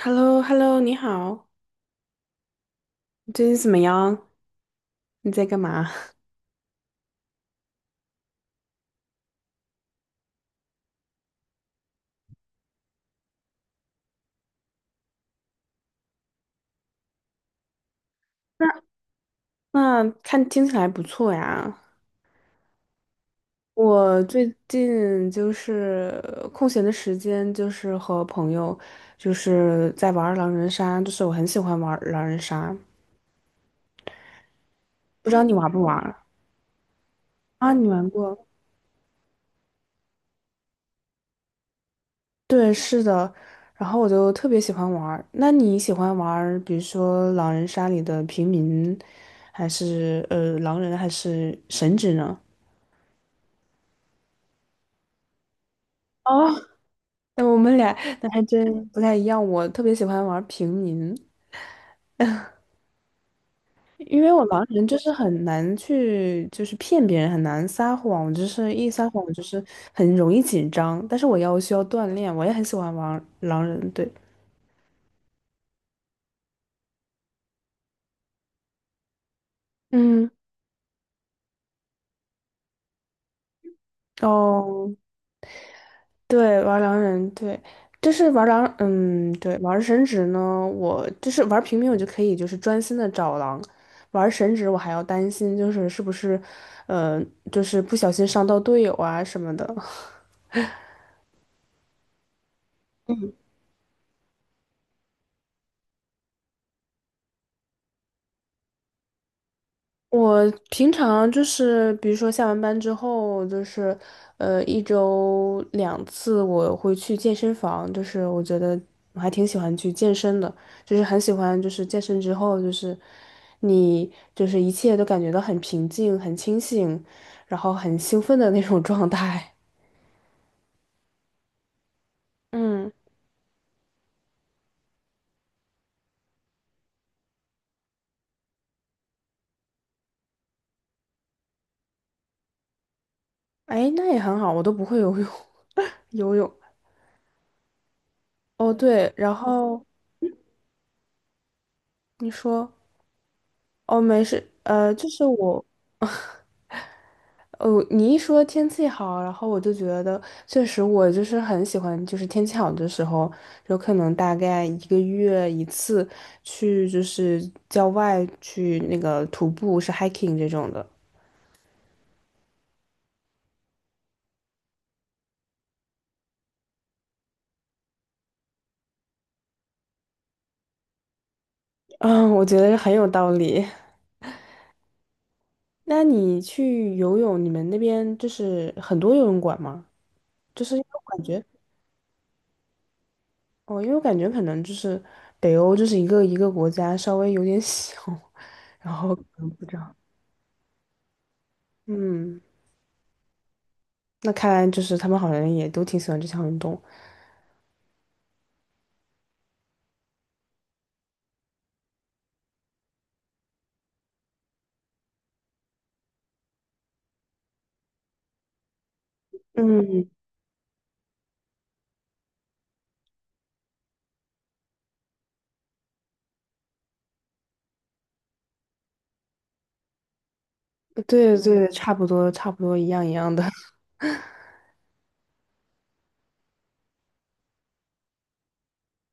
h e l l o hello 你好，你最近怎么样？你在干嘛？那那看听起来不错呀。我最近就是空闲的时间，就是和朋友就是在玩儿狼人杀，就是我很喜欢玩儿狼人杀，不知道你玩不玩儿啊？你玩过？对，是的。然后我就特别喜欢玩儿，那你喜欢玩儿比如说狼人杀里的平民，还是狼人，还是神职呢？哦。那我们俩那还真不太一样。我特别喜欢玩平民，因为我狼人就是很难去，就是骗别人，很难撒谎，就是一撒谎就是很容易紧张。但是需要锻炼，我也很喜欢玩狼人，对，嗯，哦，对，玩狼人，对，就是玩狼，嗯，对，玩神职呢，我就是玩平民，我就可以就是专心的找狼。玩神职，我还要担心，就是是不是，呃，就是不小心伤到队友啊什么的。我平常就是，比如说下完班之后，就是，一周两次我会去健身房，就是我觉得我还挺喜欢去健身的，就是很喜欢，就是健身之后，就是你就是一切都感觉到很平静、很清醒，然后很兴奋的那种状态。嗯，哎，那也很好，我都不会游泳，游泳。哦，对，然后你说，哦，没事，就是我。哦，你一说天气好，然后我就觉得，确实我就是很喜欢，就是天气好的时候，有可能大概一个月一次去，就是郊外去那个徒步，是 hiking 这种的。嗯，我觉得很有道理。那你去游泳，你们那边就是很多游泳馆吗？就是因为我感觉，哦，因为我感觉可能就是北欧，就是一个国家稍微有点小，然后可能不知道，嗯。那看来就是他们好像也都挺喜欢这项运动。嗯，对对，差不多差不多一样一样的。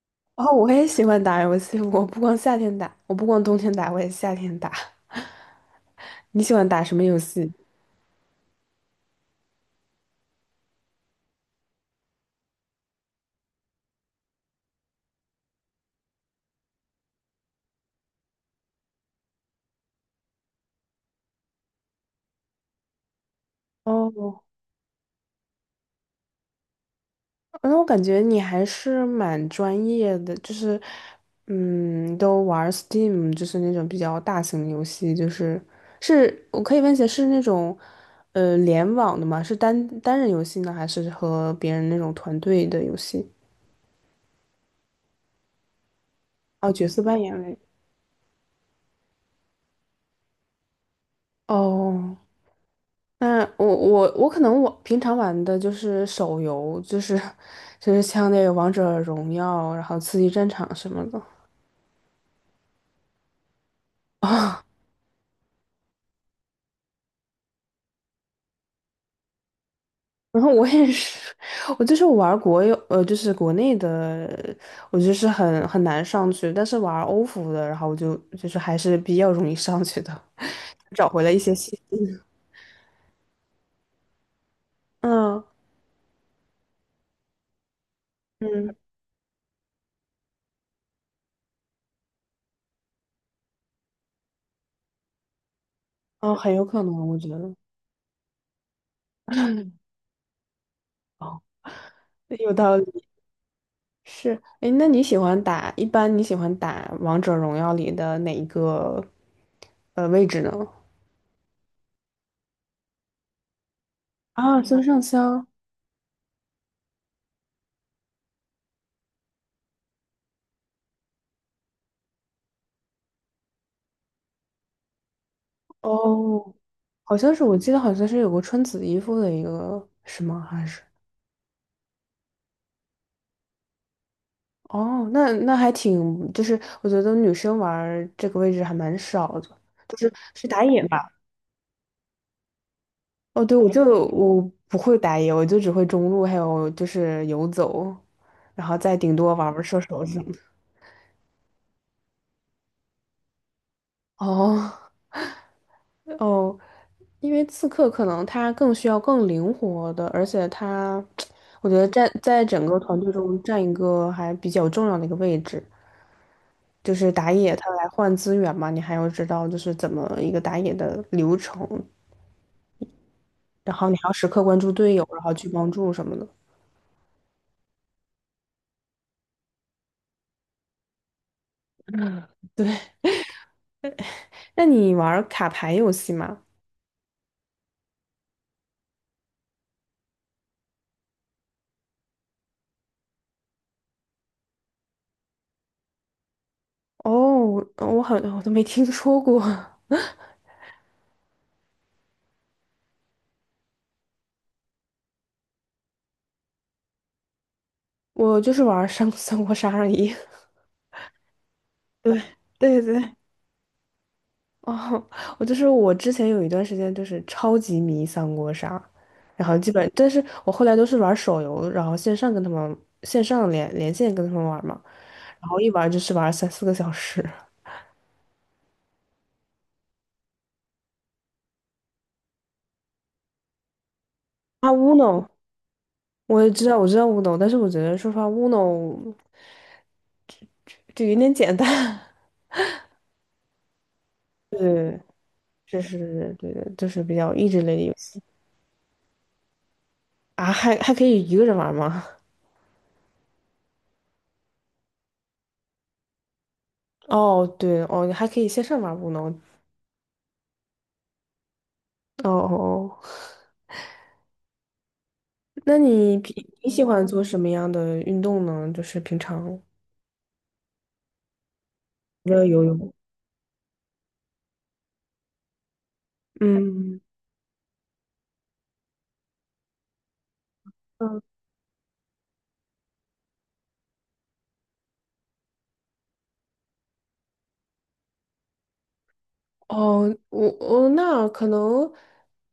哦，我也喜欢打游戏，我不光夏天打，我不光冬天打，我也夏天打。你喜欢打什么游戏？哦，那我感觉你还是蛮专业的，就是，嗯，都玩 Steam，就是那种比较大型的游戏，就是是我可以问一下，是那种联网的吗？是单人游戏呢，还是和别人那种团队的游戏？哦，角色扮演类。哦，那我可能我平常玩的就是手游，就是就是像那个王者荣耀，然后刺激战场什么的啊。然后我也是，我就是玩国有就是国内的，我就是很难上去，但是玩欧服的，然后我就就是还是比较容易上去的，找回了一些信心。嗯嗯，哦，很有可能，我觉得哦，有道理。是，哎，那你喜欢打，一般你喜欢打王者荣耀里的哪一个位置呢？啊，孙尚香，哦，好像是，我记得好像是有个穿紫衣服的一个，是吗？还是？哦，那那还挺，就是我觉得女生玩儿这个位置还蛮少的，就是是打野吧？哦，对，我不会打野，我就只会中路，还有就是游走，然后再顶多玩玩射手什么的。哦。哦，因为刺客可能他更需要更灵活的，而且他，我觉得占在整个团队中占一个还比较重要的一个位置，就是打野他来换资源嘛，你还要知道就是怎么一个打野的流程，然后你还要时刻关注队友，然后去帮助什么的。对，那你玩儿卡牌游戏吗？哦，我好像我都没听说过，我就是玩儿三国杀而已。对对对。哦，我就是我之前有一段时间就是超级迷三国杀，然后基本，但是我后来都是玩手游，然后线上跟他们线上连线跟他们玩嘛，然后一玩就是玩三四个小时。啊，Uno，我知道 Uno，但是我觉得说实话，Uno 就有点简单。对，就是对的，就是比较益智类的游戏啊，还还可以一个人玩吗？哦，对哦，还可以线上玩 Uno。哦哦。哦那你平你喜欢做什么样的运动呢？就是平常除了游泳，嗯，嗯，哦，我我那可能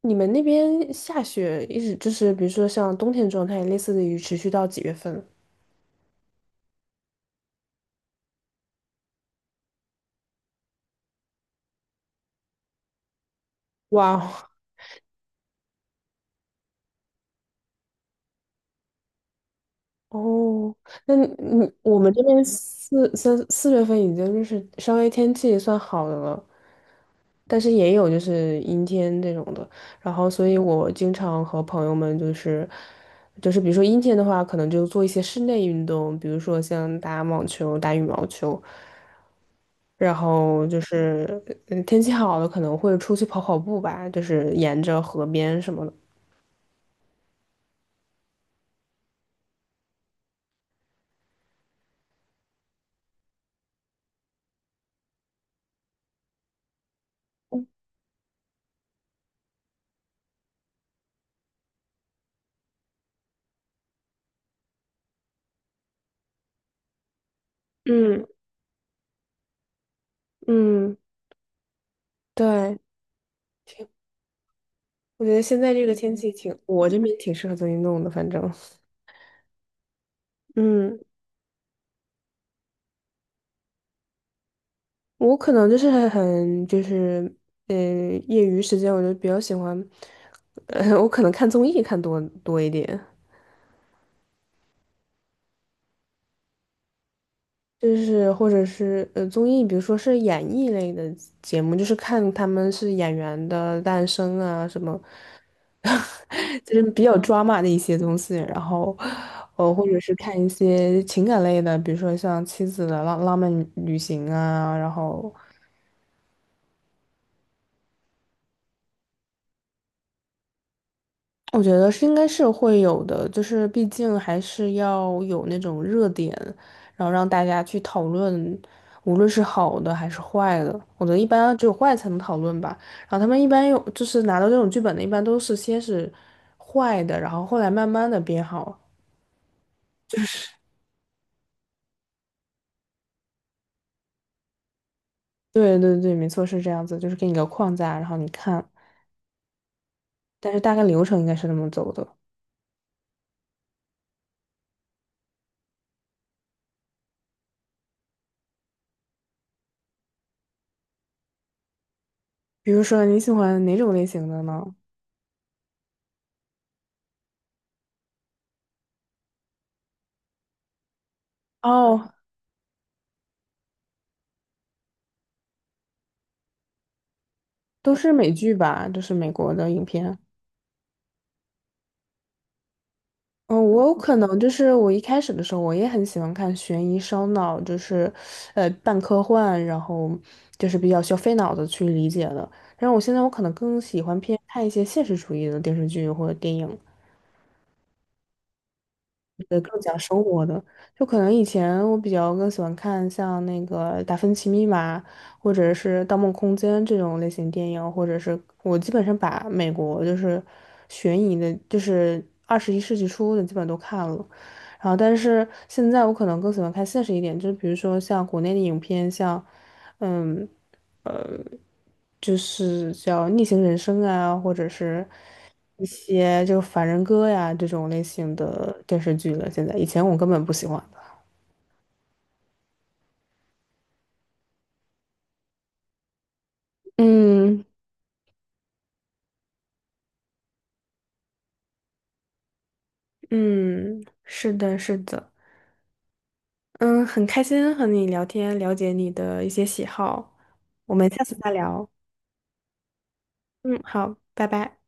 你们那边下雪一直就是，比如说像冬天状态，类似于持续到几月份？哇 哦，哦，那你我们这边三四月份已经就是稍微天气算好的了，但是也有就是阴天这种的，然后所以我经常和朋友们就是，就是比如说阴天的话，可能就做一些室内运动，比如说像打网球、打羽毛球，然后就是嗯天气好了可能会出去跑跑步吧，就是沿着河边什么的。嗯嗯，对，挺，我觉得现在这个天气挺，我这边挺适合做运动的，反正。嗯。我可能就是很就是嗯，业余时间，我就比较喜欢，我可能看综艺看多一点，就是或者是综艺，比如说是演艺类的节目，就是看他们是演员的诞生啊什么，就是比较 drama 的一些东西，然后或者是看一些情感类的，比如说像《妻子的浪漫旅行》啊，然后。我觉得是应该是会有的，就是毕竟还是要有那种热点，然后让大家去讨论，无论是好的还是坏的。我觉得一般只有坏才能讨论吧。然后他们一般有就是拿到这种剧本的，一般都是先是坏的，然后后来慢慢的变好。对对对，没错，是这样子，就是给你个框架，然后你看，但是大概流程应该是那么走的。比如说你喜欢哪种类型的呢？哦，都是美剧吧，就是美国的影片。嗯，我有可能就是我一开始的时候，我也很喜欢看悬疑烧脑，就是，半科幻，然后就是比较需要费脑子去理解的。但是我现在我可能更喜欢偏看一些现实主义的电视剧或者电影，就可能以前我比较更喜欢看像那个《达芬奇密码》或者是《盗梦空间》这种类型电影，或者是我基本上把美国就是悬疑的，就是21世纪初的基本都看了。然后，但是现在我可能更喜欢看现实一点，就是比如说像国内的影片，像嗯，就是叫《逆行人生》啊，或者是一些就《凡人歌》呀这种类型的电视剧了。现在以前我根本不喜欢的，嗯。嗯，是的，是的，嗯，很开心和你聊天，了解你的一些喜好，我们下次再聊。嗯，好，拜拜。